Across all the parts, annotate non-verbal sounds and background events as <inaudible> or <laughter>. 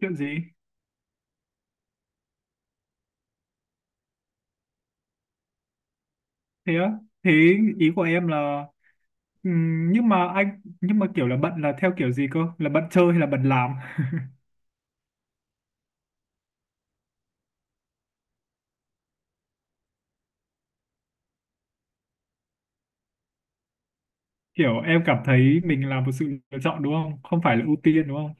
Chuyện gì? Thế á? Thế, ý của em là... nhưng mà kiểu là bận là theo kiểu gì cơ, là bận chơi hay là bận làm? <laughs> Kiểu em cảm thấy mình là một sự lựa chọn, đúng không? Không phải là ưu tiên, đúng không?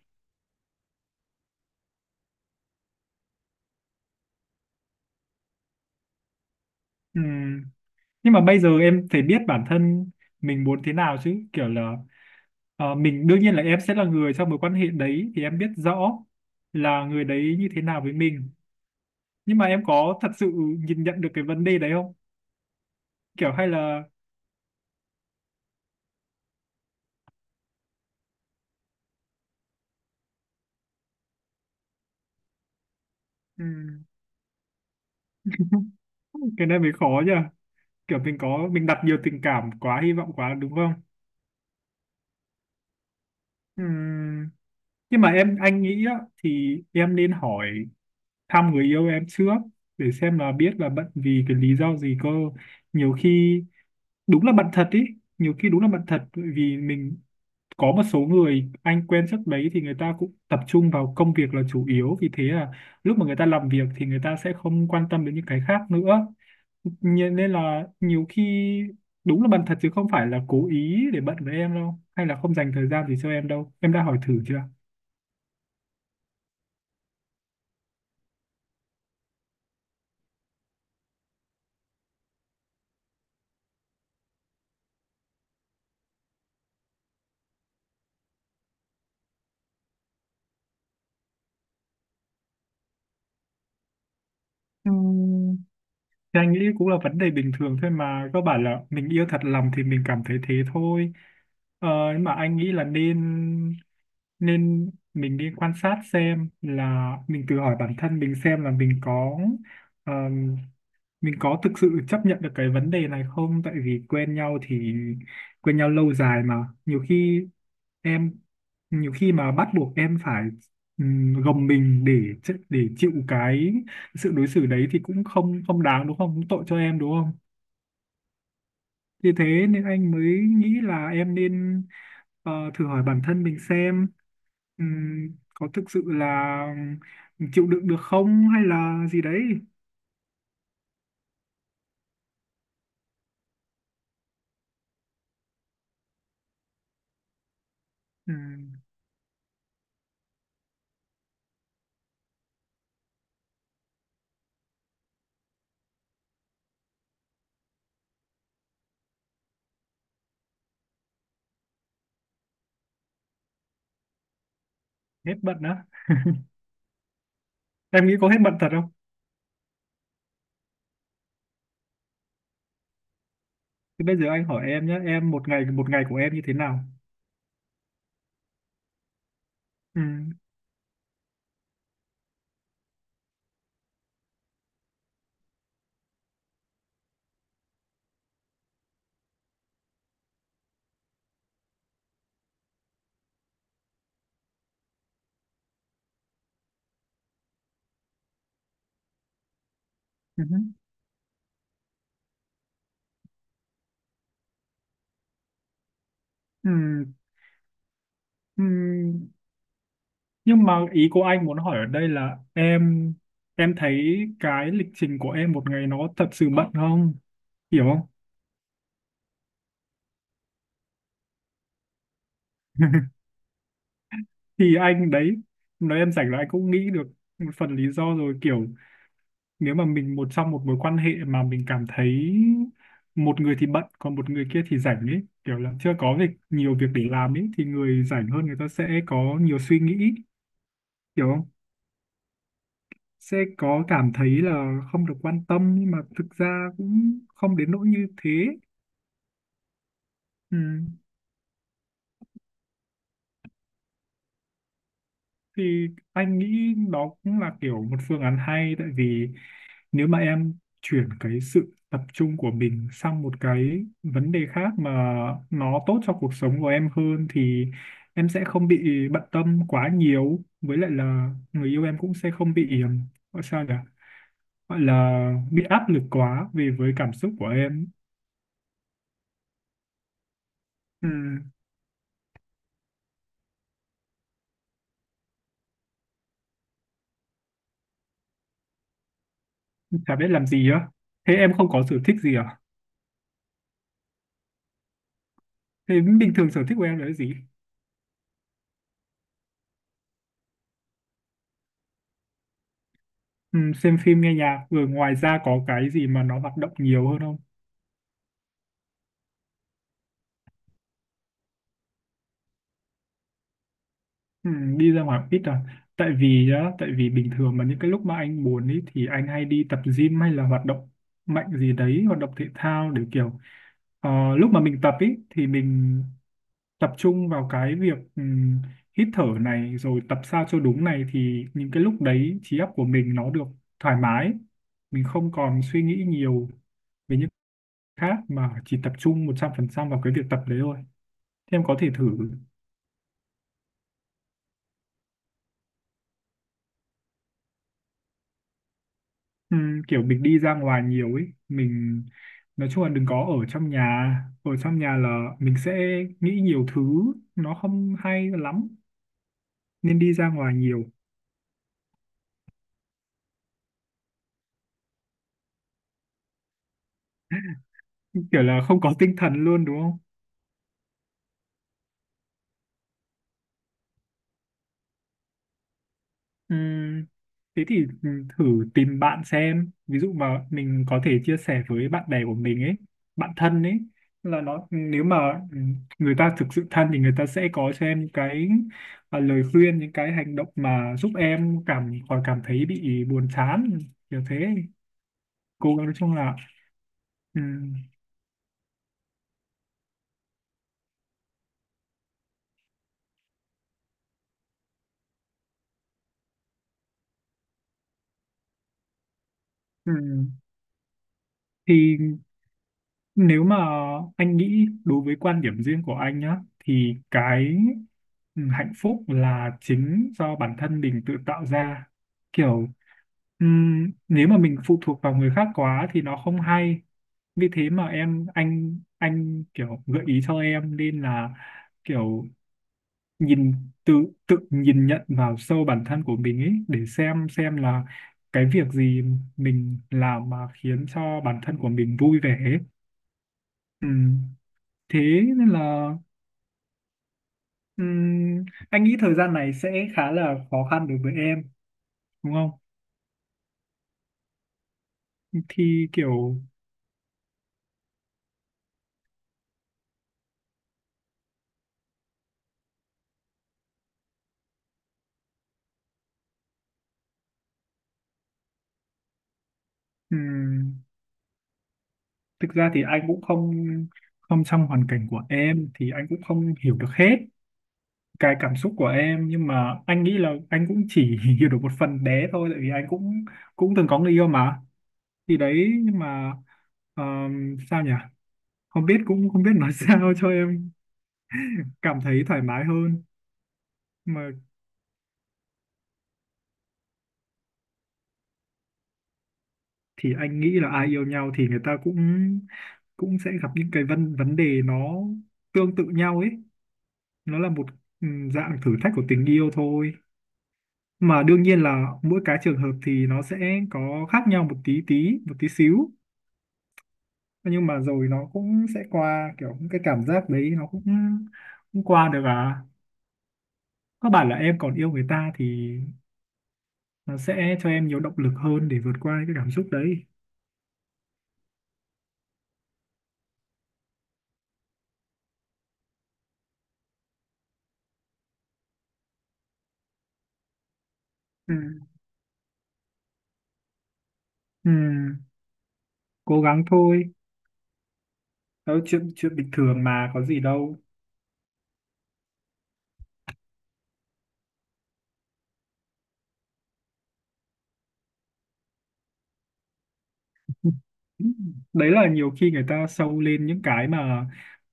Ừm, nhưng mà bây giờ em phải biết bản thân mình muốn thế nào, chứ kiểu là mình, đương nhiên là em sẽ là người trong mối quan hệ đấy thì em biết rõ là người đấy như thế nào với mình, nhưng mà em có thật sự nhìn nhận được cái vấn đề đấy không? Kiểu hay là... ừm, <laughs> cái này mới khó nhỉ. Kiểu mình có mình đặt nhiều tình cảm quá, hy vọng quá, đúng không? Ừm, nhưng mà em anh nghĩ á, thì em nên hỏi thăm người yêu em trước, để xem là biết là bận vì cái lý do gì cơ. Nhiều khi đúng là bận thật ý. Nhiều khi đúng là bận thật, bởi vì mình có một số người anh quen trước đấy thì người ta cũng tập trung vào công việc là chủ yếu, vì thế là lúc mà người ta làm việc thì người ta sẽ không quan tâm đến những cái khác nữa. Nên là nhiều khi đúng là bận thật, chứ không phải là cố ý để bận với em đâu, hay là không dành thời gian gì cho em đâu. Em đã hỏi thử chưa? Thì anh nghĩ cũng là vấn đề bình thường thôi mà, cơ bản là mình yêu thật lòng thì mình cảm thấy thế thôi. Nhưng mà anh nghĩ là nên, nên mình đi quan sát xem là mình tự hỏi bản thân mình xem là ờm, mình có thực sự chấp nhận được cái vấn đề này không. Tại vì quen nhau thì quen nhau lâu dài mà, nhiều khi em nhiều khi mà bắt buộc em phải gồng mình để để chịu cái sự đối xử đấy thì cũng không, không đáng, đúng không? Cũng tội cho em, đúng không? Vì thế nên anh mới nghĩ là em nên thử hỏi bản thân mình xem có thực sự là chịu đựng được không hay là gì đấy. Ừm, Hết bận á? Em nghĩ có hết bận thật không? Thì bây giờ anh hỏi em nhé, em một ngày, của em như thế nào? Ừm. Ừm. Ừm. Ừm. Nhưng mà ý của anh muốn hỏi ở đây là em thấy cái lịch trình của em một ngày nó thật sự bận không? Hiểu không? <laughs> Thì anh đấy, nói em rảnh là anh cũng nghĩ được một phần lý do rồi. Kiểu nếu mà mình một trong một mối quan hệ mà mình cảm thấy một người thì bận, còn một người kia thì rảnh ấy, kiểu là chưa có việc, nhiều việc để làm ấy, thì người rảnh hơn, người ta sẽ có nhiều suy nghĩ, hiểu không? Sẽ có cảm thấy là không được quan tâm, nhưng mà thực ra cũng không đến nỗi như thế. Ừ. Thì anh nghĩ đó cũng là kiểu một phương án hay, tại vì nếu mà em chuyển cái sự tập trung của mình sang một cái vấn đề khác mà nó tốt cho cuộc sống của em hơn thì em sẽ không bị bận tâm quá nhiều, với lại là người yêu em cũng sẽ không bị gọi sao nhỉ, gọi là bị áp lực quá về với cảm xúc của em. Ừ, chả biết làm gì á? Thế em không có sở thích gì à? Thế bình thường sở thích của em là cái gì? Ừ, xem phim nghe nhạc rồi, ngoài ra có cái gì mà nó hoạt động nhiều hơn không? Ừ, đi ra ngoài cũng ít à? Tại vì á, tại vì bình thường mà những cái lúc mà anh buồn ấy thì anh hay đi tập gym hay là hoạt động mạnh gì đấy, hoạt động thể thao, để kiểu lúc mà mình tập ấy thì mình tập trung vào cái việc hít thở này, rồi tập sao cho đúng này, thì những cái lúc đấy trí óc của mình nó được thoải mái, mình không còn suy nghĩ nhiều về những khác, mà chỉ tập trung 100% vào cái việc tập đấy thôi. Thì em có thể thử. Kiểu mình đi ra ngoài nhiều ấy, mình nói chung là đừng có ở trong nhà, ở trong nhà là mình sẽ nghĩ nhiều thứ, nó không hay lắm, nên đi ra ngoài nhiều. Kiểu là không có tinh thần luôn đúng không? Ừm, Thế thì thử tìm bạn xem, ví dụ mà mình có thể chia sẻ với bạn bè của mình ấy, bạn thân ấy, là nó nếu mà người ta thực sự thân thì người ta sẽ có cho em những cái lời khuyên, những cái hành động mà giúp em cảm thấy bị buồn chán, kiểu thế. Cố gắng, nói chung là ừm, ừm, thì. Nếu mà anh nghĩ, đối với quan điểm riêng của anh nhá, thì cái hạnh phúc là chính do bản thân mình tự tạo ra. Kiểu nếu mà mình phụ thuộc vào người khác quá thì nó không hay. Vì thế mà anh kiểu gợi ý cho em, nên là kiểu nhìn tự tự nhìn nhận vào sâu bản thân của mình ấy, để xem là cái việc gì mình làm mà khiến cho bản thân của mình vui vẻ ấy. Ừ, thế nên là anh nghĩ thời gian này sẽ khá là khó khăn đối với em, đúng không? Thì kiểu ừm, thực ra thì anh cũng không, không trong hoàn cảnh của em thì anh cũng không hiểu được hết cái cảm xúc của em, nhưng mà anh nghĩ là anh cũng chỉ <laughs> hiểu được một phần bé thôi, tại vì anh cũng, cũng từng có người yêu mà. Thì đấy, nhưng mà sao nhỉ, không biết, cũng không biết nói <laughs> sao cho em cảm thấy thoải mái hơn mà. Thì anh nghĩ là ai yêu nhau thì người ta cũng, cũng sẽ gặp những cái vấn vấn đề nó tương tự nhau ấy. Nó là một ừ, dạng thử thách của tình yêu thôi mà. Đương nhiên là mỗi cái trường hợp thì nó sẽ có khác nhau một tí tí, một tí xíu, nhưng mà rồi nó cũng sẽ qua. Kiểu cái cảm giác đấy nó cũng, cũng qua được à. Có bảo là em còn yêu người ta thì nó sẽ cho em nhiều động lực hơn để vượt qua cái cảm xúc đấy. Ừ. Ừ, cố gắng thôi. Đó, chuyện chuyện bình thường mà có gì đâu. Đấy là nhiều khi người ta sâu lên những cái mà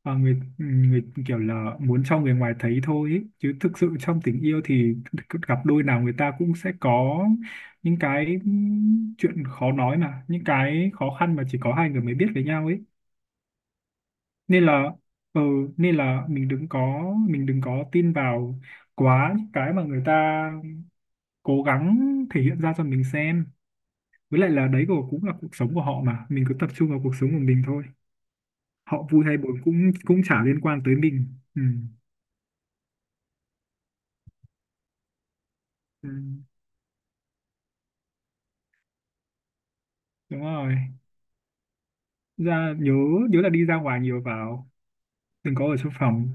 mà người người kiểu là muốn cho người ngoài thấy thôi ấy, chứ thực sự trong tình yêu thì gặp đôi nào người ta cũng sẽ có những cái chuyện khó nói mà, những cái khó khăn mà chỉ có hai người mới biết với nhau ấy. Nên là ừ, mình đừng có, tin vào quá những cái mà người ta cố gắng thể hiện ra cho mình xem. Với lại là đấy, của cũng là cuộc sống của họ mà, mình cứ tập trung vào cuộc sống của mình thôi. Họ vui hay buồn cũng, chả liên quan tới mình. Ừ. Ừ. Đúng rồi. Ra nhớ, là đi ra ngoài nhiều vào, đừng có ở trong phòng.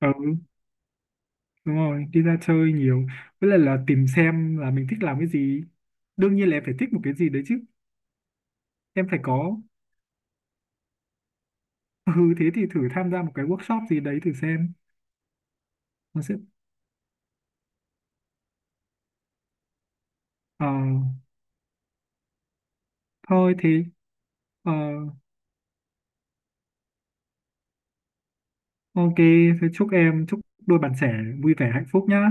Ừ, đúng rồi, đi ra chơi nhiều, với lại là tìm xem là mình thích làm cái gì. Đương nhiên là em phải thích một cái gì đấy chứ. Em phải có. Ừ, thế thì thử tham gia một cái workshop gì đấy thử xem. Nó sẽ... ờ thôi thì ờ ok. Thế chúc em, đôi bạn trẻ vui vẻ hạnh phúc nhá.